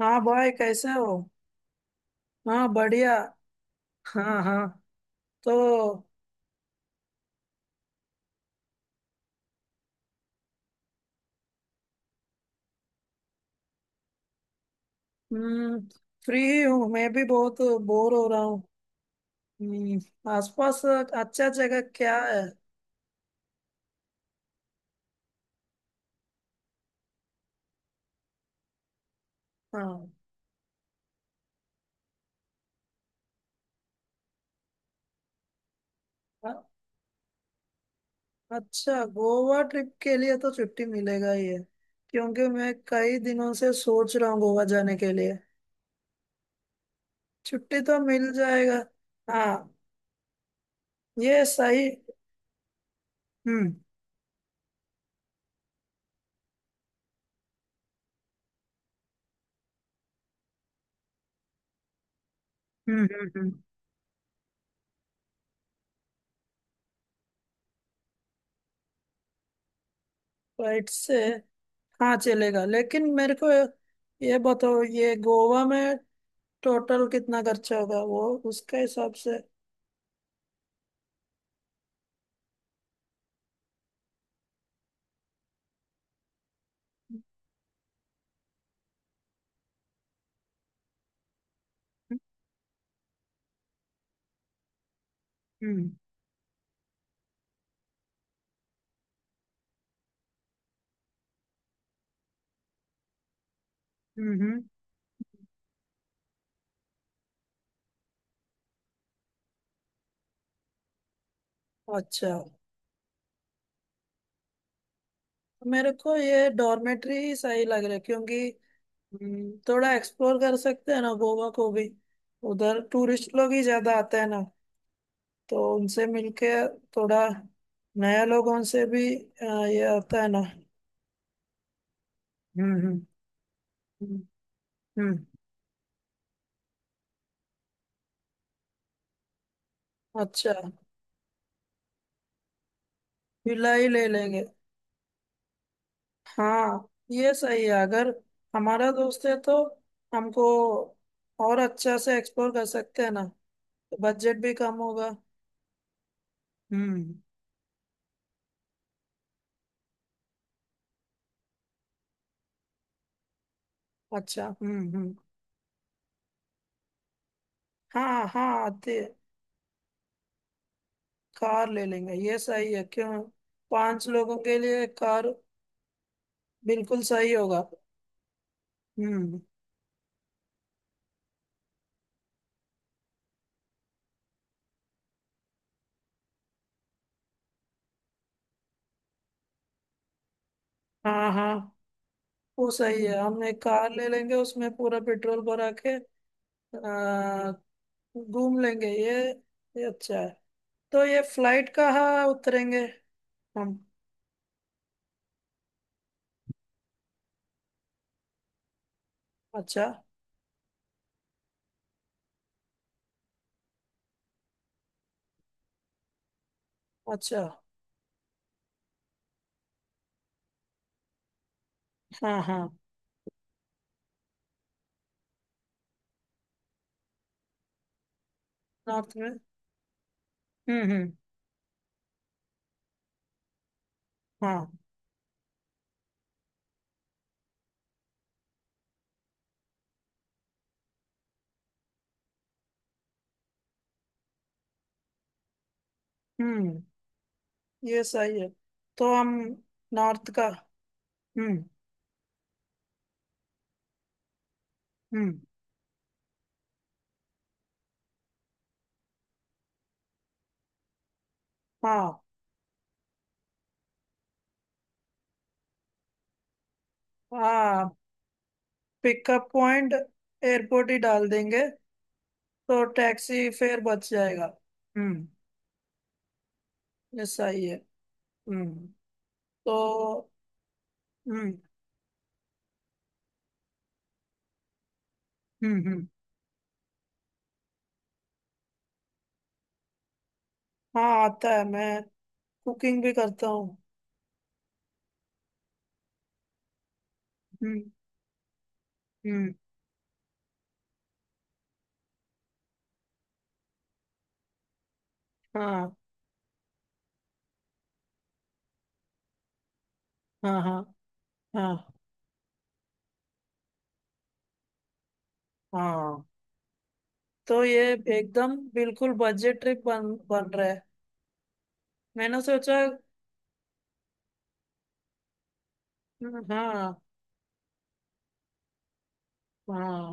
हाँ, बॉय, कैसे हो? हाँ, बढ़िया। हाँ हाँ। तो। हम्म। फ्री ही हूँ, मैं भी बहुत बोर हो रहा हूँ। हम्म, आसपास अच्छा जगह क्या है? हाँ। अ- अच्छा, गोवा ट्रिप के लिए तो छुट्टी मिलेगा ही है। क्योंकि मैं कई दिनों से सोच रहा हूँ गोवा जाने के लिए। छुट्टी तो मिल जाएगा। हाँ, ये सही। हम्म हम्म। हम्म, फ्लाइट से। हाँ, चलेगा। लेकिन मेरे को ये बताओ, ये गोवा में टोटल कितना खर्चा होगा वो, उसके हिसाब से? हम्म हम्म। अच्छा। मेरे को ये डॉर्मेट्री ही सही लग रहा है क्योंकि थोड़ा एक्सप्लोर कर सकते हैं ना गोवा को भी। उधर टूरिस्ट लोग ही ज्यादा आते हैं ना। तो उनसे मिलके थोड़ा नया लोगों से भी ये आता है ना। हम्म हम्म हम्म। हम्म। अच्छा। विला ही ले लेंगे। हाँ, ये सही है। अगर हमारा दोस्त है तो हमको और अच्छा से एक्सप्लोर कर सकते हैं ना। तो बजट भी कम होगा। हम्म। अच्छा। हम्म। हाँ हाँ, आते। कार ले लेंगे, ये सही है क्यों। पांच लोगों के लिए कार बिल्कुल सही होगा। हम्म। हाँ हाँ, वो सही है। हम एक कार ले लेंगे उसमें पूरा पेट्रोल भरा के आ, घूम लेंगे। ये अच्छा है। तो ये फ्लाइट कहाँ उतरेंगे? हम। अच्छा, अच्छा। हाँ हाँ। नॉर्थ में? हम्म, हाँ। हम्म। ये सही है। तो हम नॉर्थ का। हम्म हम्म। हाँ हाँ। पिकअप पॉइंट एयरपोर्ट ही डाल देंगे। तो टैक्सी फेयर बच जाएगा। हम्म। ये सही है। हम्म। तो। हम्म हम्म। हाँ, आता है। मैं कुकिंग भी करता हूँ। हम्म। हम्म। हाँ। हाँ हाँ। हाँ हाँ। तो ये एकदम बिल्कुल बजट ट्रिप बन बन रहा है। मैंने सोचा। हाँ हाँ।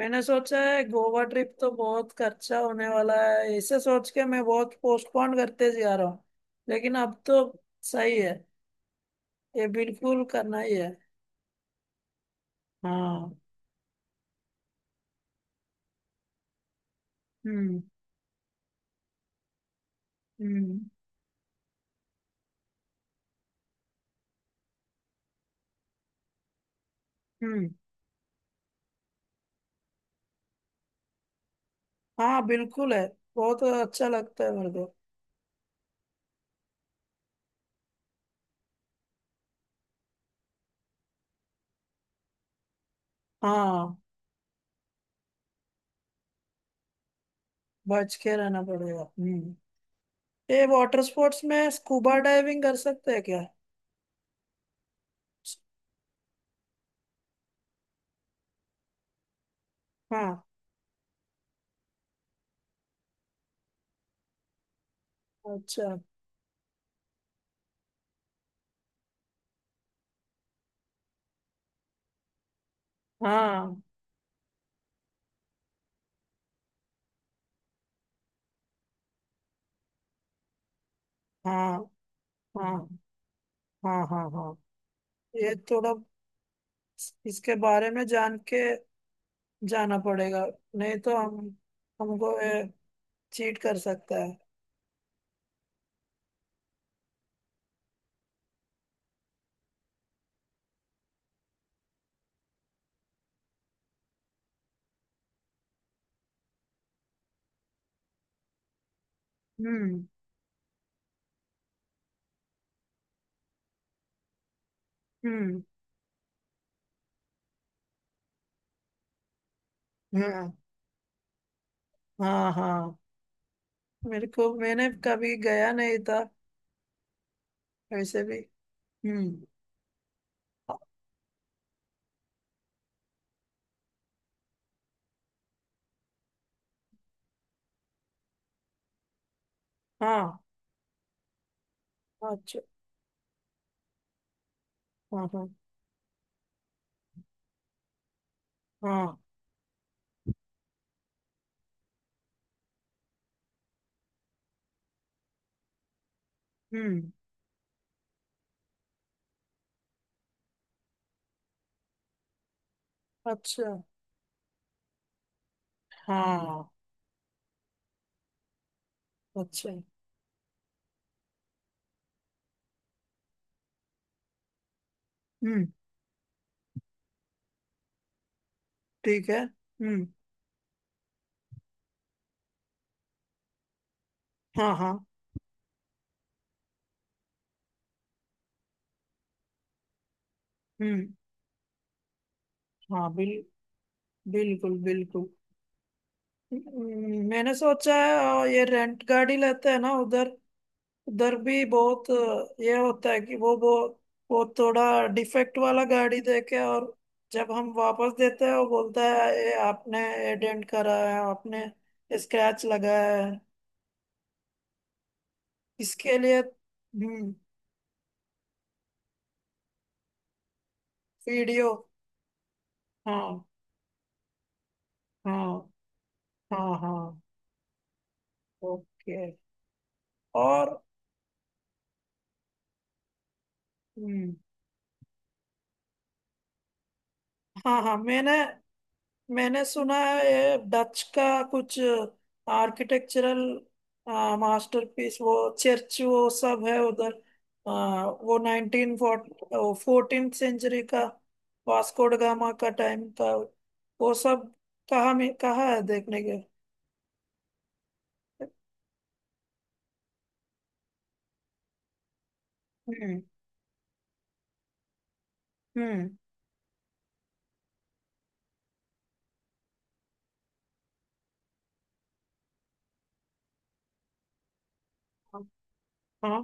मैंने सोचा है गोवा ट्रिप तो बहुत खर्चा होने वाला है। ऐसे सोच के मैं बहुत पोस्टपोन करते जा रहा हूँ। लेकिन अब तो सही है, ये बिल्कुल करना ही है। हाँ। हम्म हम्म हम्म। हाँ, बिल्कुल है। बहुत अच्छा लगता है मेरे को। हाँ, बच के रहना पड़ेगा। हम्म। ये वाटर स्पोर्ट्स में स्कूबा डाइविंग कर सकते हैं क्या? हाँ। अच्छा। हाँ हाँ हाँ हाँ हाँ हाँ। ये थोड़ा, इसके बारे में जान के जाना पड़ेगा। नहीं तो हम हमको चीट कर सकता है। हम्म हम्म। हाँ हाँ हाँ। मेरे को, मैंने कभी गया नहीं था वैसे भी। हम्म। हाँ। अच्छा। हाँ हाँ हाँ। हम्म। अच्छा। हाँ। अच्छा। हम्म। ठीक है। हम्म। हाँ हाँ। हम्म। हाँ, बिल्कुल बिल्कुल। मैंने सोचा है। और ये रेंट गाड़ी लेते हैं ना उधर, उधर भी बहुत ये होता है कि वो थोड़ा डिफेक्ट वाला गाड़ी देके, और जब हम वापस देते हैं वो बोलता है ये आपने, ये डेंट करा है आपने, स्क्रैच लगाया है, इसके लिए। हम्म। वीडियो। हाँ हाँ हाँ हाँ। ओके। और। हम्म। हाँ हाँ, मैंने। मैंने सुना है ये डच का कुछ आर्किटेक्चरल मास्टरपीस, वो चर्च, वो सब है उधर। वो नाइनटीन फोर्टीन सेंचुरी का, वास्को ड गामा का टाइम का वो सब। कहाँ में कहाँ है देखने के? हम्म हम्म। हाँ।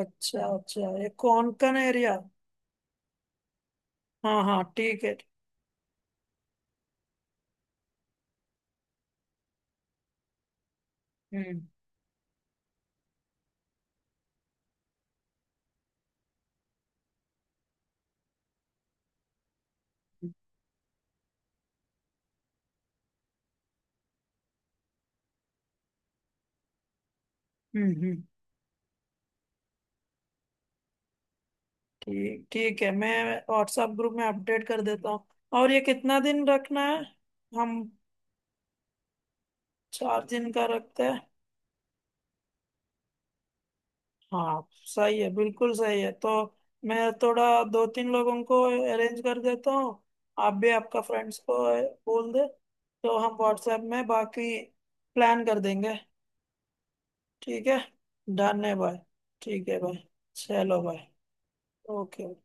अच्छा, अच्छा, ये कोंकण एरिया? हाँ हाँ, ठीक है। हम्म हम्म। हम्म, ठीक ठीक है। मैं व्हाट्सएप ग्रुप में अपडेट कर देता हूँ। और ये कितना दिन रखना है? हम। 4 दिन का रखते हैं। हाँ, सही है, बिल्कुल सही है। तो मैं थोड़ा दो तीन लोगों को अरेंज कर देता हूँ। आप भी आपका फ्रेंड्स को बोल दे, तो हम व्हाट्सएप में बाकी प्लान कर देंगे। ठीक है। डन है भाई। ठीक है भाई। चलो भाई। ओके।